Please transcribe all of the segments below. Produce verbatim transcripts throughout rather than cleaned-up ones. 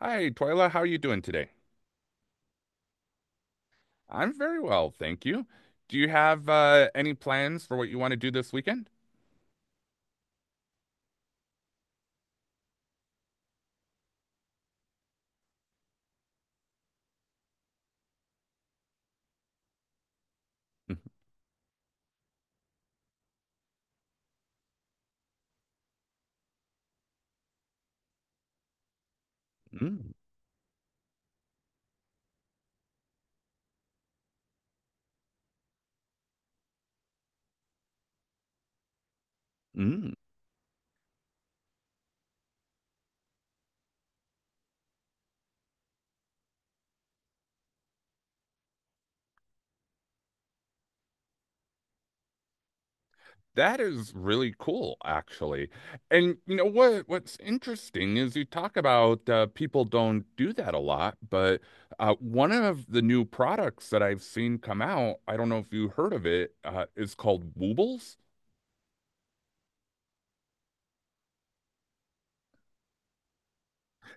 Hi, Twyla. How are you doing today? I'm very well, thank you. Do you have uh, any plans for what you want to do this weekend? Mm, mm. That is really cool, actually. And you know what? What's interesting is you talk about uh, people don't do that a lot, but uh, one of the new products that I've seen come out, I don't know if you heard of it, uh, is called Woobles.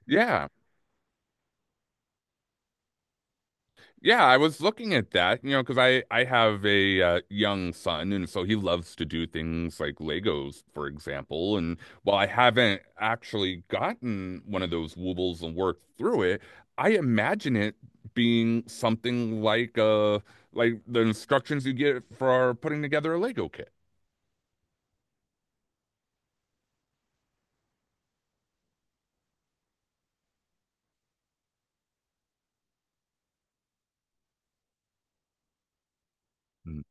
Yeah. Yeah, I was looking at that, you know, because I I have a uh, young son, and so he loves to do things like Legos, for example. And while I haven't actually gotten one of those Woobles and worked through it, I imagine it being something like uh like the instructions you get for putting together a Lego kit. Mm,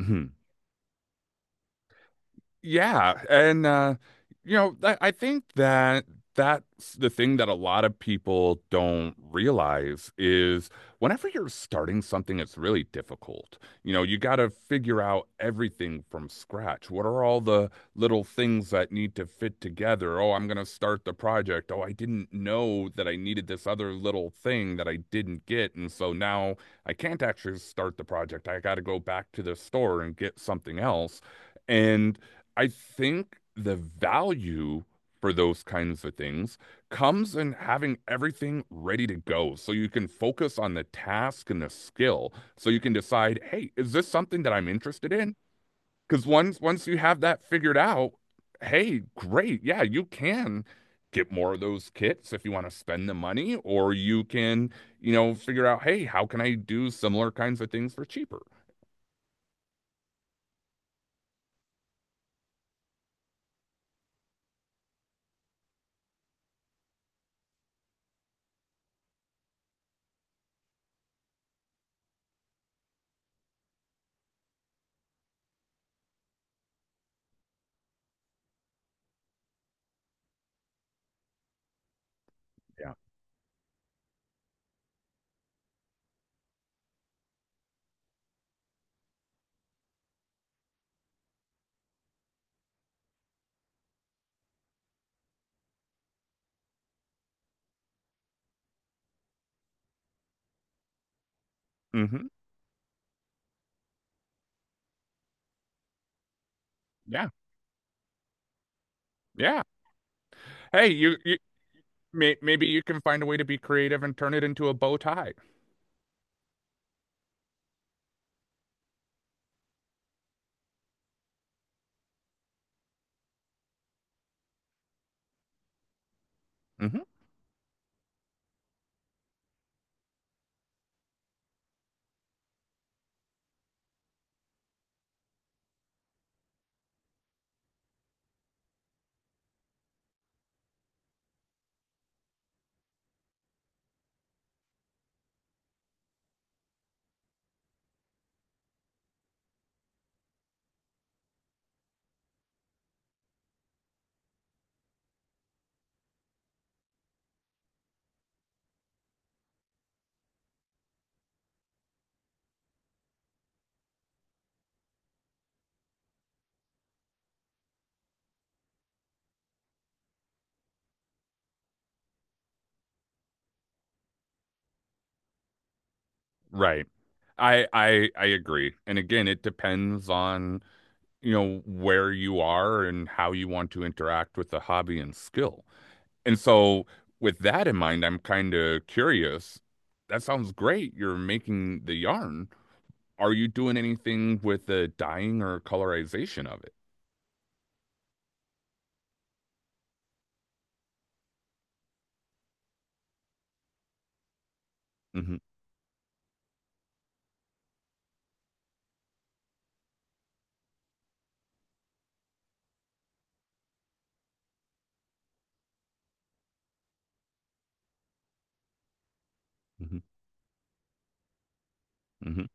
mm. Yeah, and uh, you know, I, I think that that's the thing that a lot of people don't realize is whenever you're starting something, it's really difficult. You know, you got to figure out everything from scratch. What are all the little things that need to fit together? Oh, I'm going to start the project. Oh, I didn't know that I needed this other little thing that I didn't get, and so now I can't actually start the project. I got to go back to the store and get something else. And I think the value for those kinds of things comes in having everything ready to go so you can focus on the task and the skill. So you can decide, hey, is this something that I'm interested in? Because once once you have that figured out, hey, great. Yeah, you can get more of those kits if you want to spend the money, or you can, you know, figure out, hey, how can I do similar kinds of things for cheaper? Yeah. Hmm. Yeah. Yeah. Hey, you, you May- maybe you can find a way to be creative and turn it into a bow tie. Mhm. Right. I I I agree. And again, it depends on, you know, where you are and how you want to interact with the hobby and skill. And so with that in mind, I'm kind of curious. That sounds great. You're making the yarn. Are you doing anything with the dyeing or colorization of it? Hmm. Hmm. Hmm.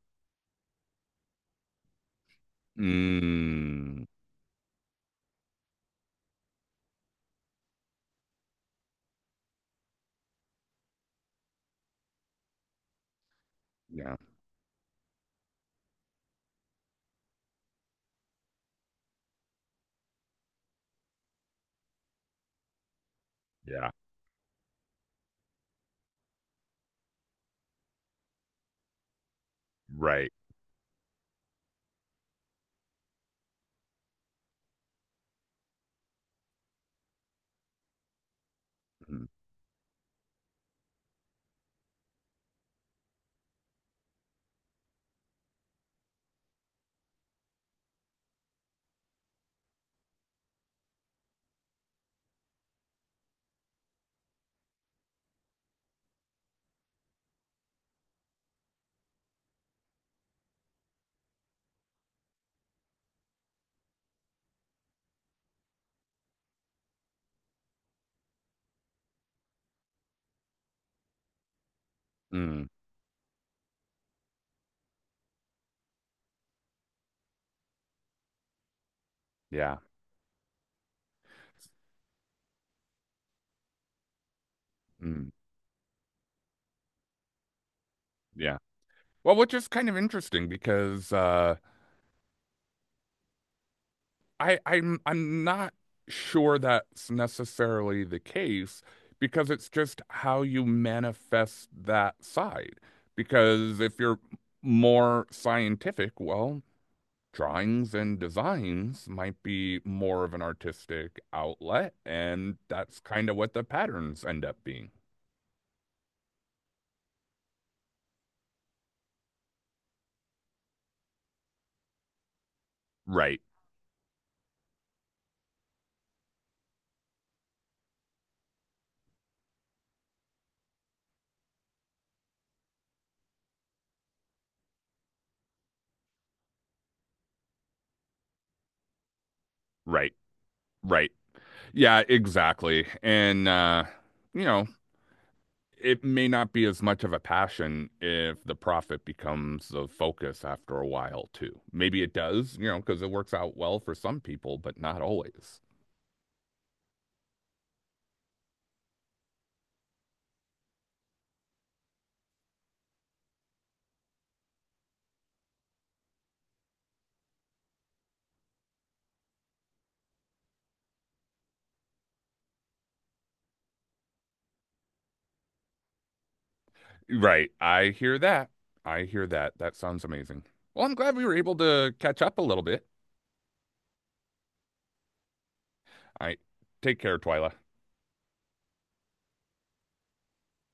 Mm, yeah, yeah, right. Mm, mm, yeah. Mm, yeah. Well, which is kind of interesting because uh, I I'm I'm not sure that's necessarily the case because it's just how you manifest that side. Because if you're more scientific, well, drawings and designs might be more of an artistic outlet, and that's kind of what the patterns end up being. Right, right, right. Yeah, exactly. And uh, you know, it may not be as much of a passion if the profit becomes the focus after a while too. Maybe it does, you know, because it works out well for some people, but not always. Right. I hear that. I hear that. That sounds amazing. Well, I'm glad we were able to catch up a little bit. I take care, Twyla.